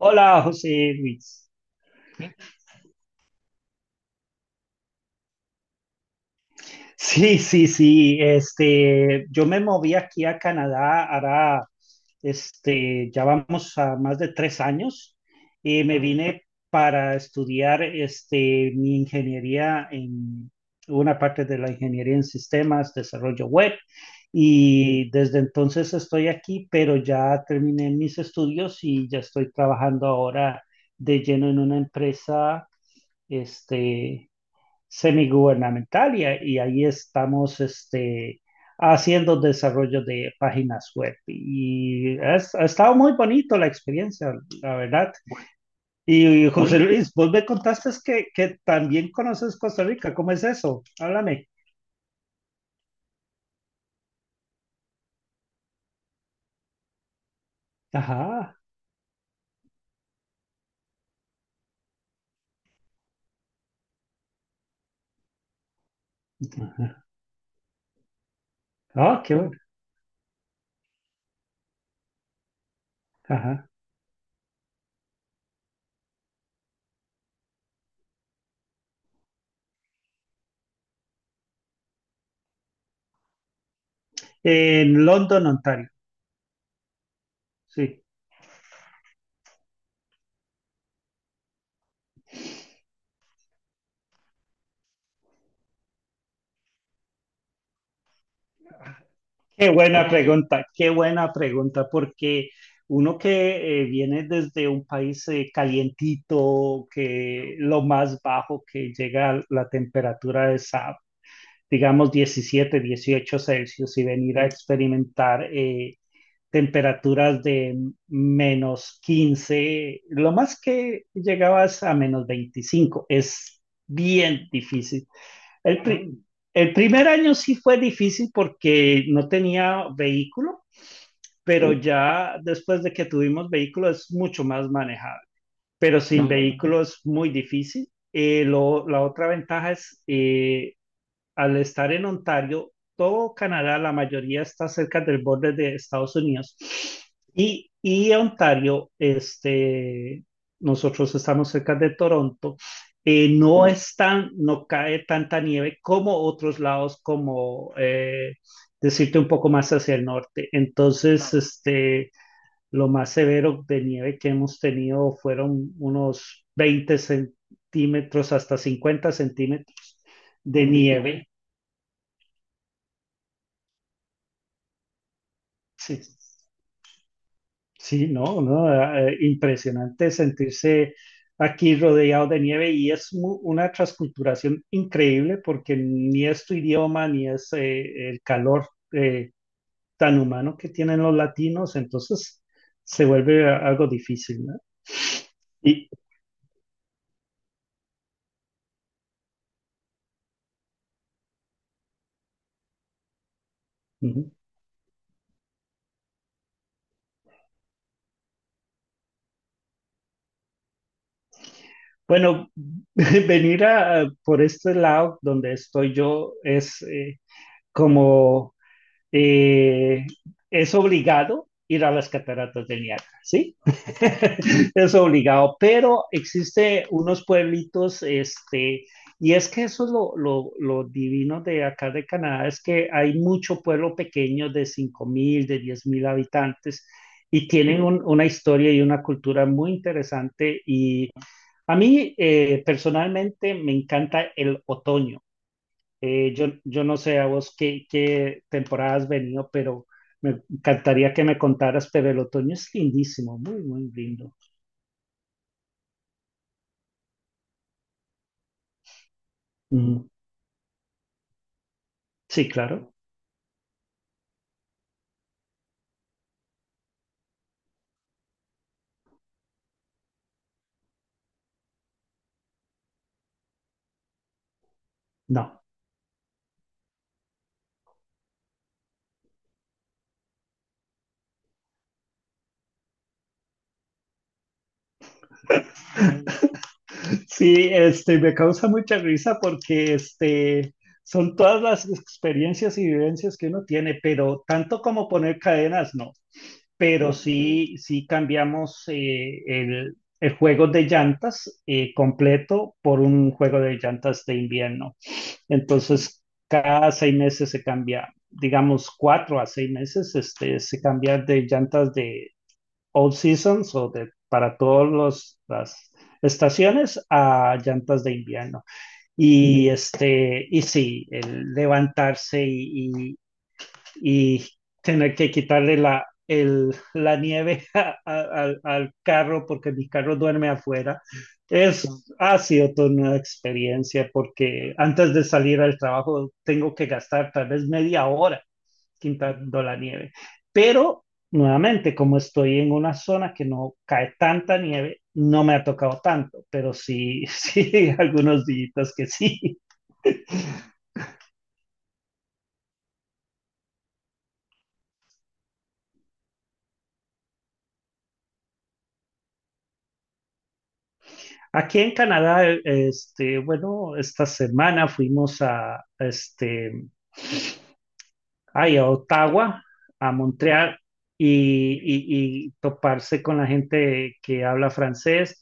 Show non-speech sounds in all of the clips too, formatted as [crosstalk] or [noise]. Hola, José Luis. Sí, sí, sí. Yo me moví aquí a Canadá, ahora, ya vamos a más de 3 años y me vine para estudiar, mi ingeniería en una parte de la ingeniería en sistemas, desarrollo web, y desde entonces estoy aquí, pero ya terminé mis estudios y ya estoy trabajando ahora de lleno en una empresa, este semigubernamental, y ahí estamos, haciendo desarrollo de páginas web. Y ha estado muy bonito la experiencia, la verdad. Y, José Oye, Luis, vos me contaste que, también conoces Costa Rica. ¿Cómo es eso? Háblame. Ajá. Ah, qué bueno. Ajá. En London, Ontario. Sí. Qué buena pregunta, porque uno que, viene desde un país, calientito, que lo más bajo que llega a la temperatura es a, digamos, 17, 18 Celsius, y venir a experimentar, temperaturas de -15, lo más que llegabas a -25, es bien difícil. El, pri- el primer año sí fue difícil porque no tenía vehículo, pero sí, ya después de que tuvimos vehículo es mucho más manejable. Pero sin, ah, vehículo es muy difícil. La otra ventaja es, al estar en Ontario, todo Canadá, la mayoría está cerca del borde de Estados Unidos. Y Ontario, nosotros estamos cerca de Toronto, no es tan, no cae tanta nieve como otros lados, como, decirte un poco más hacia el norte. Entonces, lo más severo de nieve que hemos tenido fueron unos 20 centímetros hasta 50 centímetros de nieve. Sí, sí, no, no, impresionante sentirse aquí rodeado de nieve, y es una transculturación increíble porque ni es tu idioma, ni es, el calor, tan humano que tienen los latinos. Entonces se vuelve algo difícil, ¿no? Y, ujú, bueno, [laughs] venir por este lado donde estoy yo es, como, eh, es obligado ir a las cataratas del Niágara, ¿sí? [laughs] Es obligado, pero existe unos pueblitos, y es que eso es lo divino de acá de Canadá, es que hay mucho pueblo pequeño de 5000, de 10.000 habitantes, y tienen una historia y una cultura muy interesante. Y a mí, personalmente me encanta el otoño. Yo no sé a vos qué, temporada has venido, pero me encantaría que me contaras, pero el otoño es lindísimo, muy, muy lindo. Mm, sí, claro. No. [laughs] Sí, me causa mucha risa porque, son todas las experiencias y vivencias que uno tiene, pero tanto como poner cadenas, no. Pero sí, sí cambiamos, el juego de llantas, completo, por un juego de llantas de invierno. Entonces, cada 6 meses se cambia, digamos, 4 a 6 meses, se cambia de llantas de all seasons o de para todas las estaciones a llantas de invierno. Y sí, el levantarse y, y tener que quitarle la nieve [laughs] al carro, porque mi carro duerme afuera. Es, ha sido toda una experiencia, porque antes de salir al trabajo tengo que gastar tal vez media hora quitando la nieve. Pero nuevamente, como estoy en una zona que no cae tanta nieve, no me ha tocado tanto, pero sí, sí, [laughs] algunos días que sí. [laughs] Aquí en Canadá, bueno, esta semana fuimos ay, a Ottawa, a Montreal, y toparse con la gente que habla francés.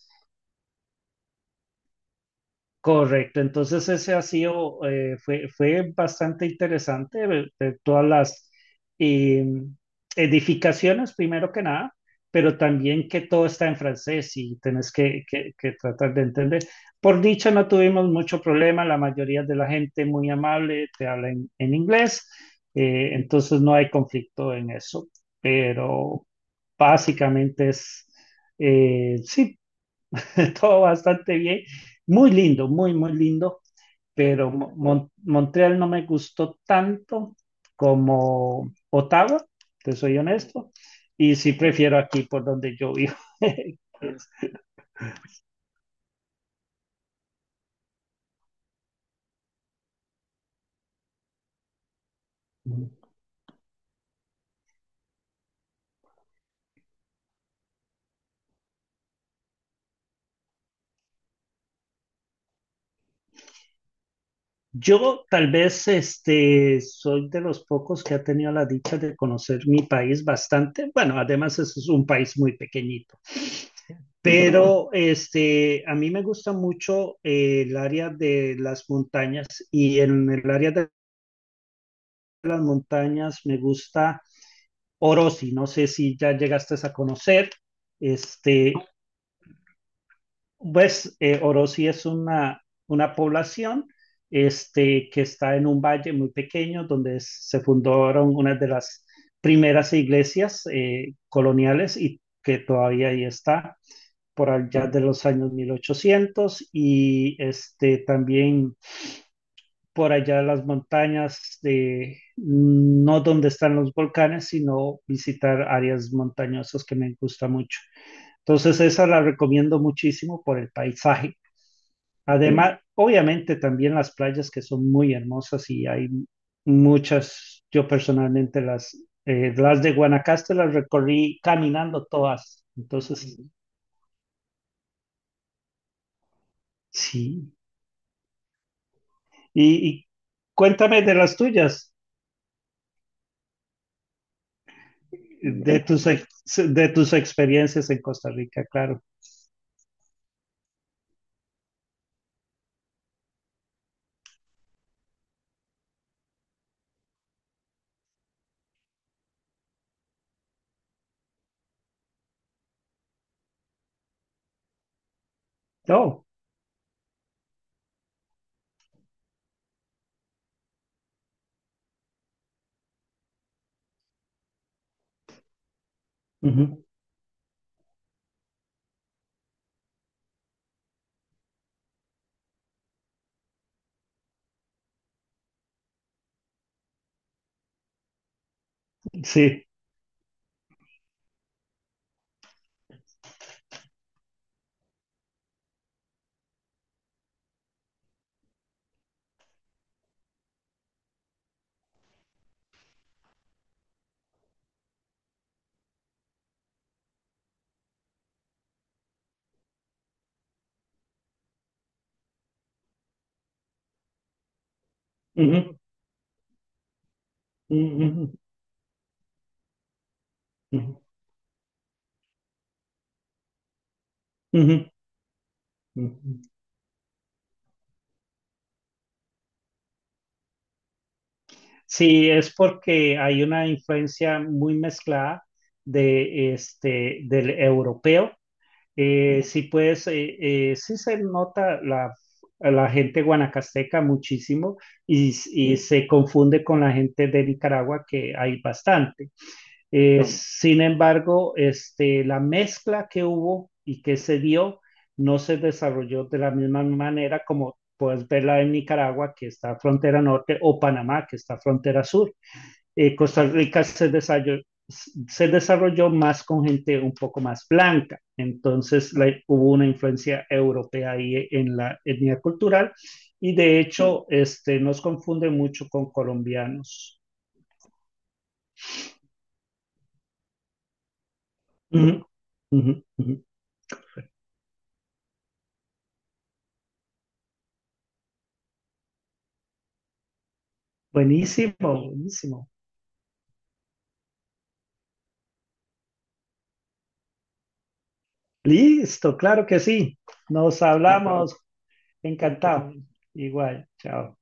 Correcto, entonces ese fue bastante interesante ver todas las, eh, edificaciones, primero que nada, pero también que todo está en francés y tenés que tratar de entender. Por dicha, no tuvimos mucho problema, la mayoría de la gente muy amable te habla en inglés, entonces no hay conflicto en eso, pero básicamente es, sí, [laughs] todo bastante bien. Muy lindo, muy, muy lindo, pero Montreal no me gustó tanto como Ottawa, te soy honesto, y sí prefiero aquí por donde yo vivo. [laughs] Yo tal vez, soy de los pocos que ha tenido la dicha de conocer mi país bastante. Bueno, además es un país muy pequeñito, pero, a mí me gusta mucho, el área de las montañas, y en el área de las montañas me gusta Orosi, no sé si ya llegaste a conocer. Este, pues, Orosi es una población, que está en un valle muy pequeño donde se fundaron una de las primeras iglesias, coloniales, y que todavía ahí está por allá de los años 1800, y, también por allá en las montañas no donde están los volcanes, sino visitar áreas montañosas que me gusta mucho. Entonces esa la recomiendo muchísimo por el paisaje. Además, sí, obviamente también las playas, que son muy hermosas y hay muchas, yo personalmente las de Guanacaste las recorrí caminando todas. Entonces, sí, sí. Y cuéntame de las tuyas. De tus, ex- de tus experiencias en Costa Rica, claro. Oh, ujú, sí, ujú, ujú, ujú, ujú, ujú. Sí, es porque hay una influencia muy mezclada de este del europeo. Sí, pues, sí se nota la gente guanacasteca muchísimo, y se confunde con la gente de Nicaragua, que hay bastante. No, sin embargo, la mezcla que hubo y que se dio no se desarrolló de la misma manera como puedes verla en Nicaragua, que está frontera norte, o Panamá, que está frontera sur. Costa Rica se desarrolló, más con gente un poco más blanca, entonces hubo una influencia europea ahí en la etnia cultural, y de hecho, nos confunde mucho con colombianos. Ujú, ujú, ujú. Buenísimo, buenísimo. Listo, claro que sí. Nos hablamos. Encantado. Igual, chao.